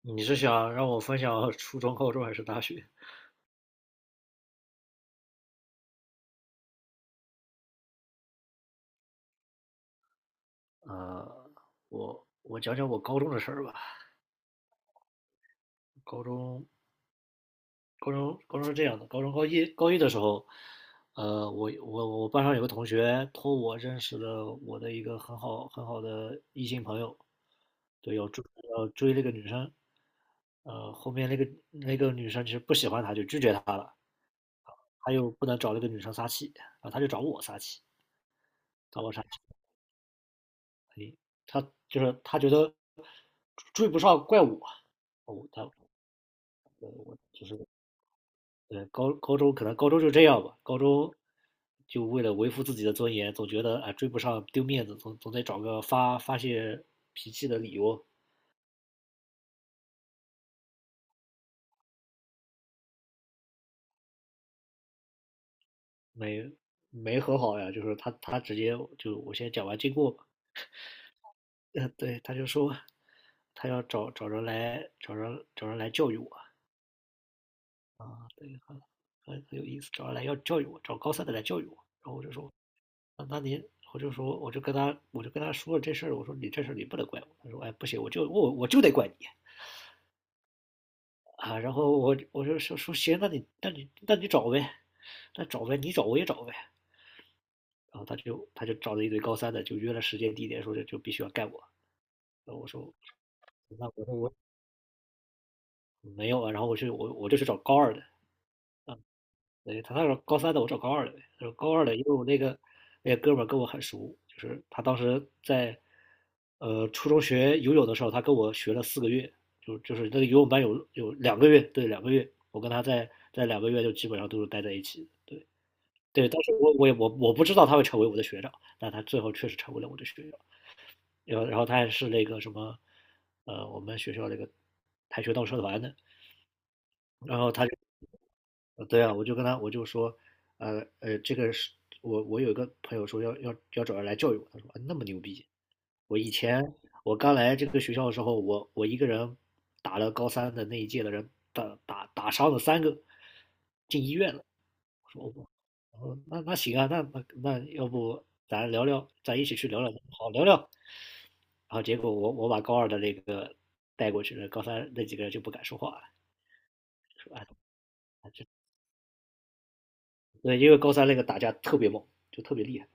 你是想让我分享 初中、高中还是大学？呃，我讲讲我高中的事儿吧。高中，高中是这样的。高中高一的时候，我班上有个同学托我认识了我的一个很好很好的异性朋友。对，要追那个女生。后面那个女生其实不喜欢他，就拒绝他了。他又不能找那个女生撒气，然后他就找我撒气，找我撒气，他就是他觉得追不上怪我。哦，他对，高中可能高中就这样吧。高中就为了维护自己的尊严，总觉得啊，追不上丢面子，总得找个发泄脾气的理由。没没和好呀。就是他他直接就我先讲完经过吧。对，他就说他要找人来教育我啊。对，很有意思。找人来要教育我，找高三的来教育我。然后我就说那那您，我就说，我就跟他，我就跟他说了这事儿。我说你这事儿你不能怪我。他说，哎，不行，我就得怪你啊。然后我就说行。那你找呗。那找呗，你找我也找呗。然后他就找了一堆高三的，就约了时间地点，说这就必须要干我。然后我说，那我说我没有啊。然后我就去找高二的。对，他那时候高三的，我找高二的呗。然后高二的，因为我那个哥们儿跟我很熟。就是他当时在初中学游泳的时候，他跟我学了4个月。就是那个游泳班有两个月，对，两个月，我跟他在两个月就基本上都是待在一起的。对对，当时我也不知道他会成为我的学长。但他最后确实成为了我的学长。然后他还是那个什么。我们学校那个跆拳道社团的。然后他对啊。我就说，这个是我有一个朋友说要找人来教育我。他说啊那么牛逼。我以前我刚来这个学校的时候，我一个人打了高三的那一届的人，打伤了三个，进医院了。我说哦，那行啊，那要不咱聊聊，咱一起去聊聊，好聊聊。然后结果我把高二的那个带过去了，高三那几个人就不敢说话了，说啊。对，因为高三那个打架特别猛，就特别厉害。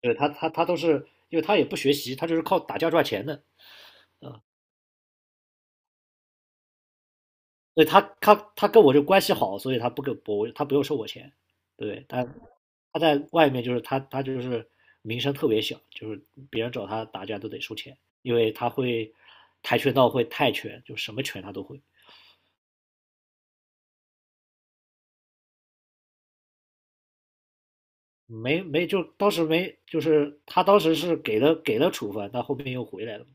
对他都是，因为他也不学习，他就是靠打架赚钱的。对他跟我就关系好，所以他不给我，他不用收我钱。对，但他在外面就是他他就是名声特别小，就是别人找他打架都得收钱，因为他会跆拳道，会泰拳，就什么拳他都会。没没就当时没就是他当时是给了处分，但后面又回来了嘛。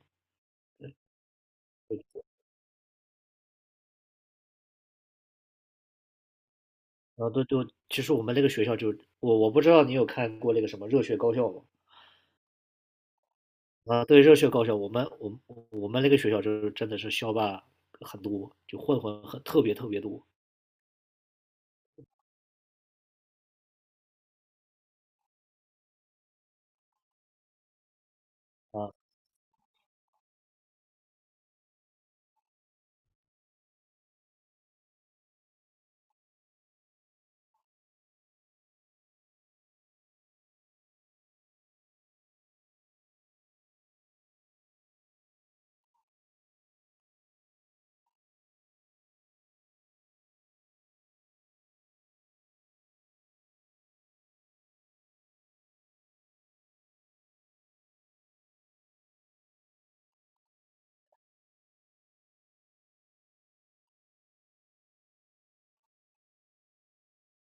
然后都就其实我们那个学校就我不知道你有看过那个什么《热血高校》吗？啊，对于热血高校，我们那个学校就是真的是校霸很多，就混混很特别特别多。啊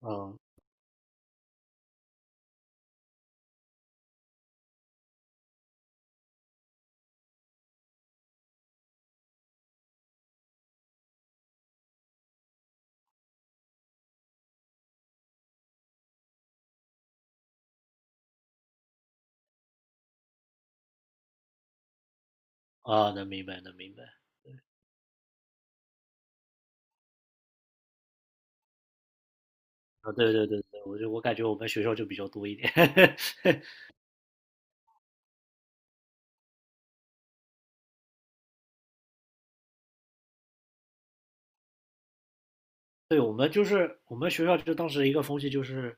啊啊！能明白，能明白。啊！对对对对，我感觉我们学校就比较多一点。对，我们学校就当时一个风气就是，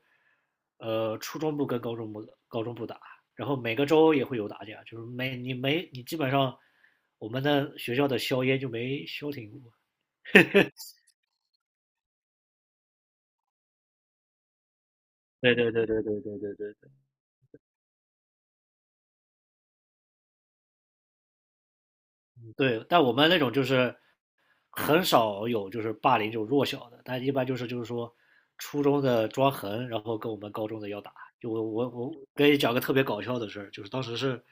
初中部跟高中部打。然后每个周也会有打架，就是没你没你基本上我们的学校的硝烟就没消停过。对对对对对对对对对。对，但我们那种就是。很少有就是霸凌这种弱小的，但一般就是说初中的抓痕，然后跟我们高中的要打。就我跟你讲个特别搞笑的事儿，就是当时是，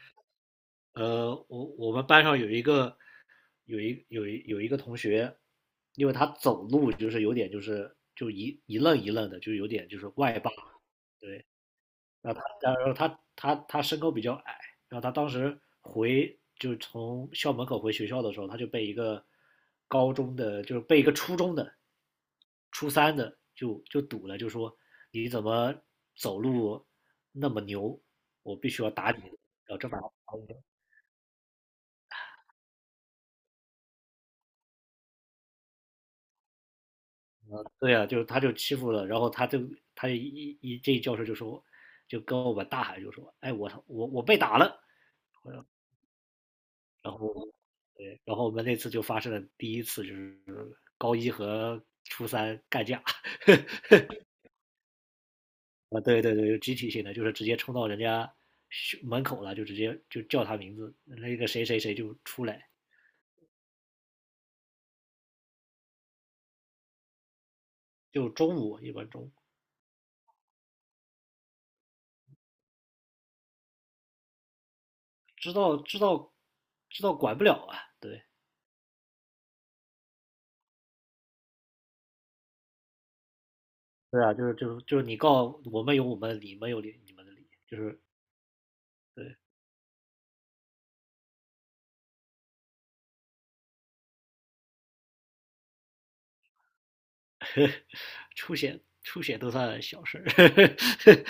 我们班上有一个有一有一有一个同学。因为他走路就是有点就是就一愣一愣的，就有点就是外八。对。然后他，然后他，他，他身高比较矮。然后他当时就从校门口回学校的时候，他就被一个高中的，就是被一个初中的，初三的就堵了，就说你怎么走路那么牛，我必须要打你。然后这把对啊，就是他就欺负了。然后他这教授就说，就跟我们大喊就说，哎，我被打了。然后对，然后我们那次就发生了第一次，就是高一和初三干架。 啊，对对对，集体性的，就是直接冲到人家学门口了，就直接就叫他名字，那个谁谁谁就出来。就中午一般中午。知道，知道，知道，管不了啊。对对啊，就是你告我们有我们的理，你们有你们的理，就是对。出血，出血都算小事儿。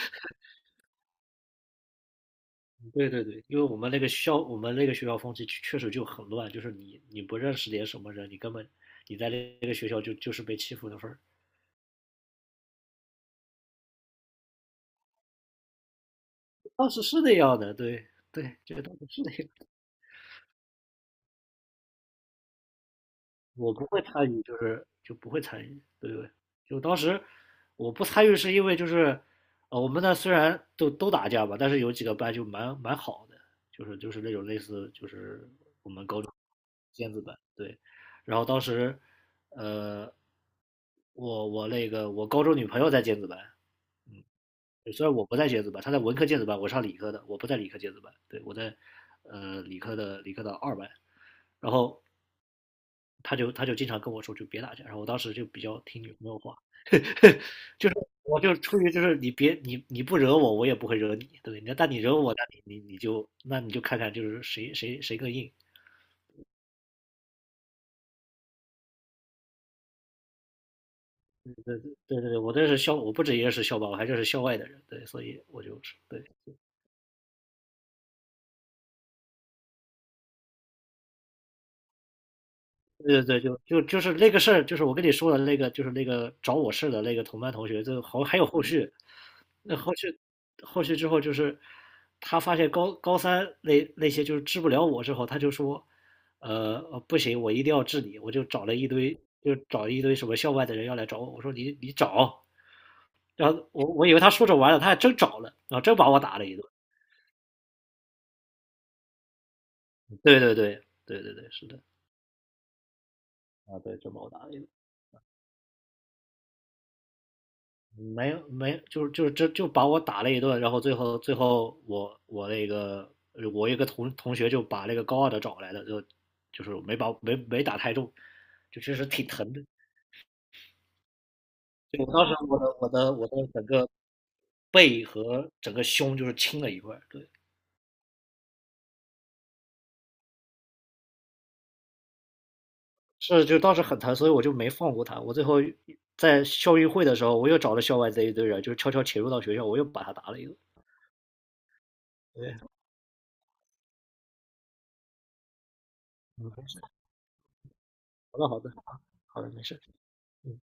对对对，因为我们那个学校风气确实就很乱，就是你不认识点什么人，你根本你在那个学校就是被欺负的份儿。当时是那样的，对对，这个当时是那样。我不会参与，就不会参与。对对，就当时我不参与是因为就是，我们那虽然都打架吧，但是有几个班就蛮好的，就是那种类似就是我们高中尖子班，对。然后当时，呃，我我那个我高中女朋友在尖子班。虽然我不在尖子班，她在文科尖子班，我上理科的，我不在理科尖子班。对，我在理科的二班。然后。他就经常跟我说，就别打架。然后我当时就比较听女朋友话。就是我就出于就是你别你你不惹我，我也不会惹你，对不对？但你惹我，那你就看看就是谁谁谁更硬。对对对，我不止也是校霸，我还认识校外的人，对。所以我就是对对对对，就是那个事儿，就是我跟你说的那个，就是那个找我事的那个同班同学，就好还有后续。那后续后续之后就是他发现高三那些就是治不了我之后，他就说，不行，我一定要治你。我就找了一堆，就找一堆什么校外的人要来找我，我说你找。然后我以为他说着玩儿的，他还真找了，然后真把我打了一顿。对对对对对对，是的，啊对，真把我打了一顿。没有没，就是这就把我打了一顿。然后最后我一个同学就把那个高二的找来的。就是没把没没打太重，就确实挺疼的。就我当时我的整个背和整个胸就是青了一块儿，对。是，就当时很疼，所以我就没放过他。我最后在校运会的时候，我又找了校外这一堆人，就是悄悄潜入到学校，我又把他打了一顿。对。嗯，好的，好的，好的，没事，嗯。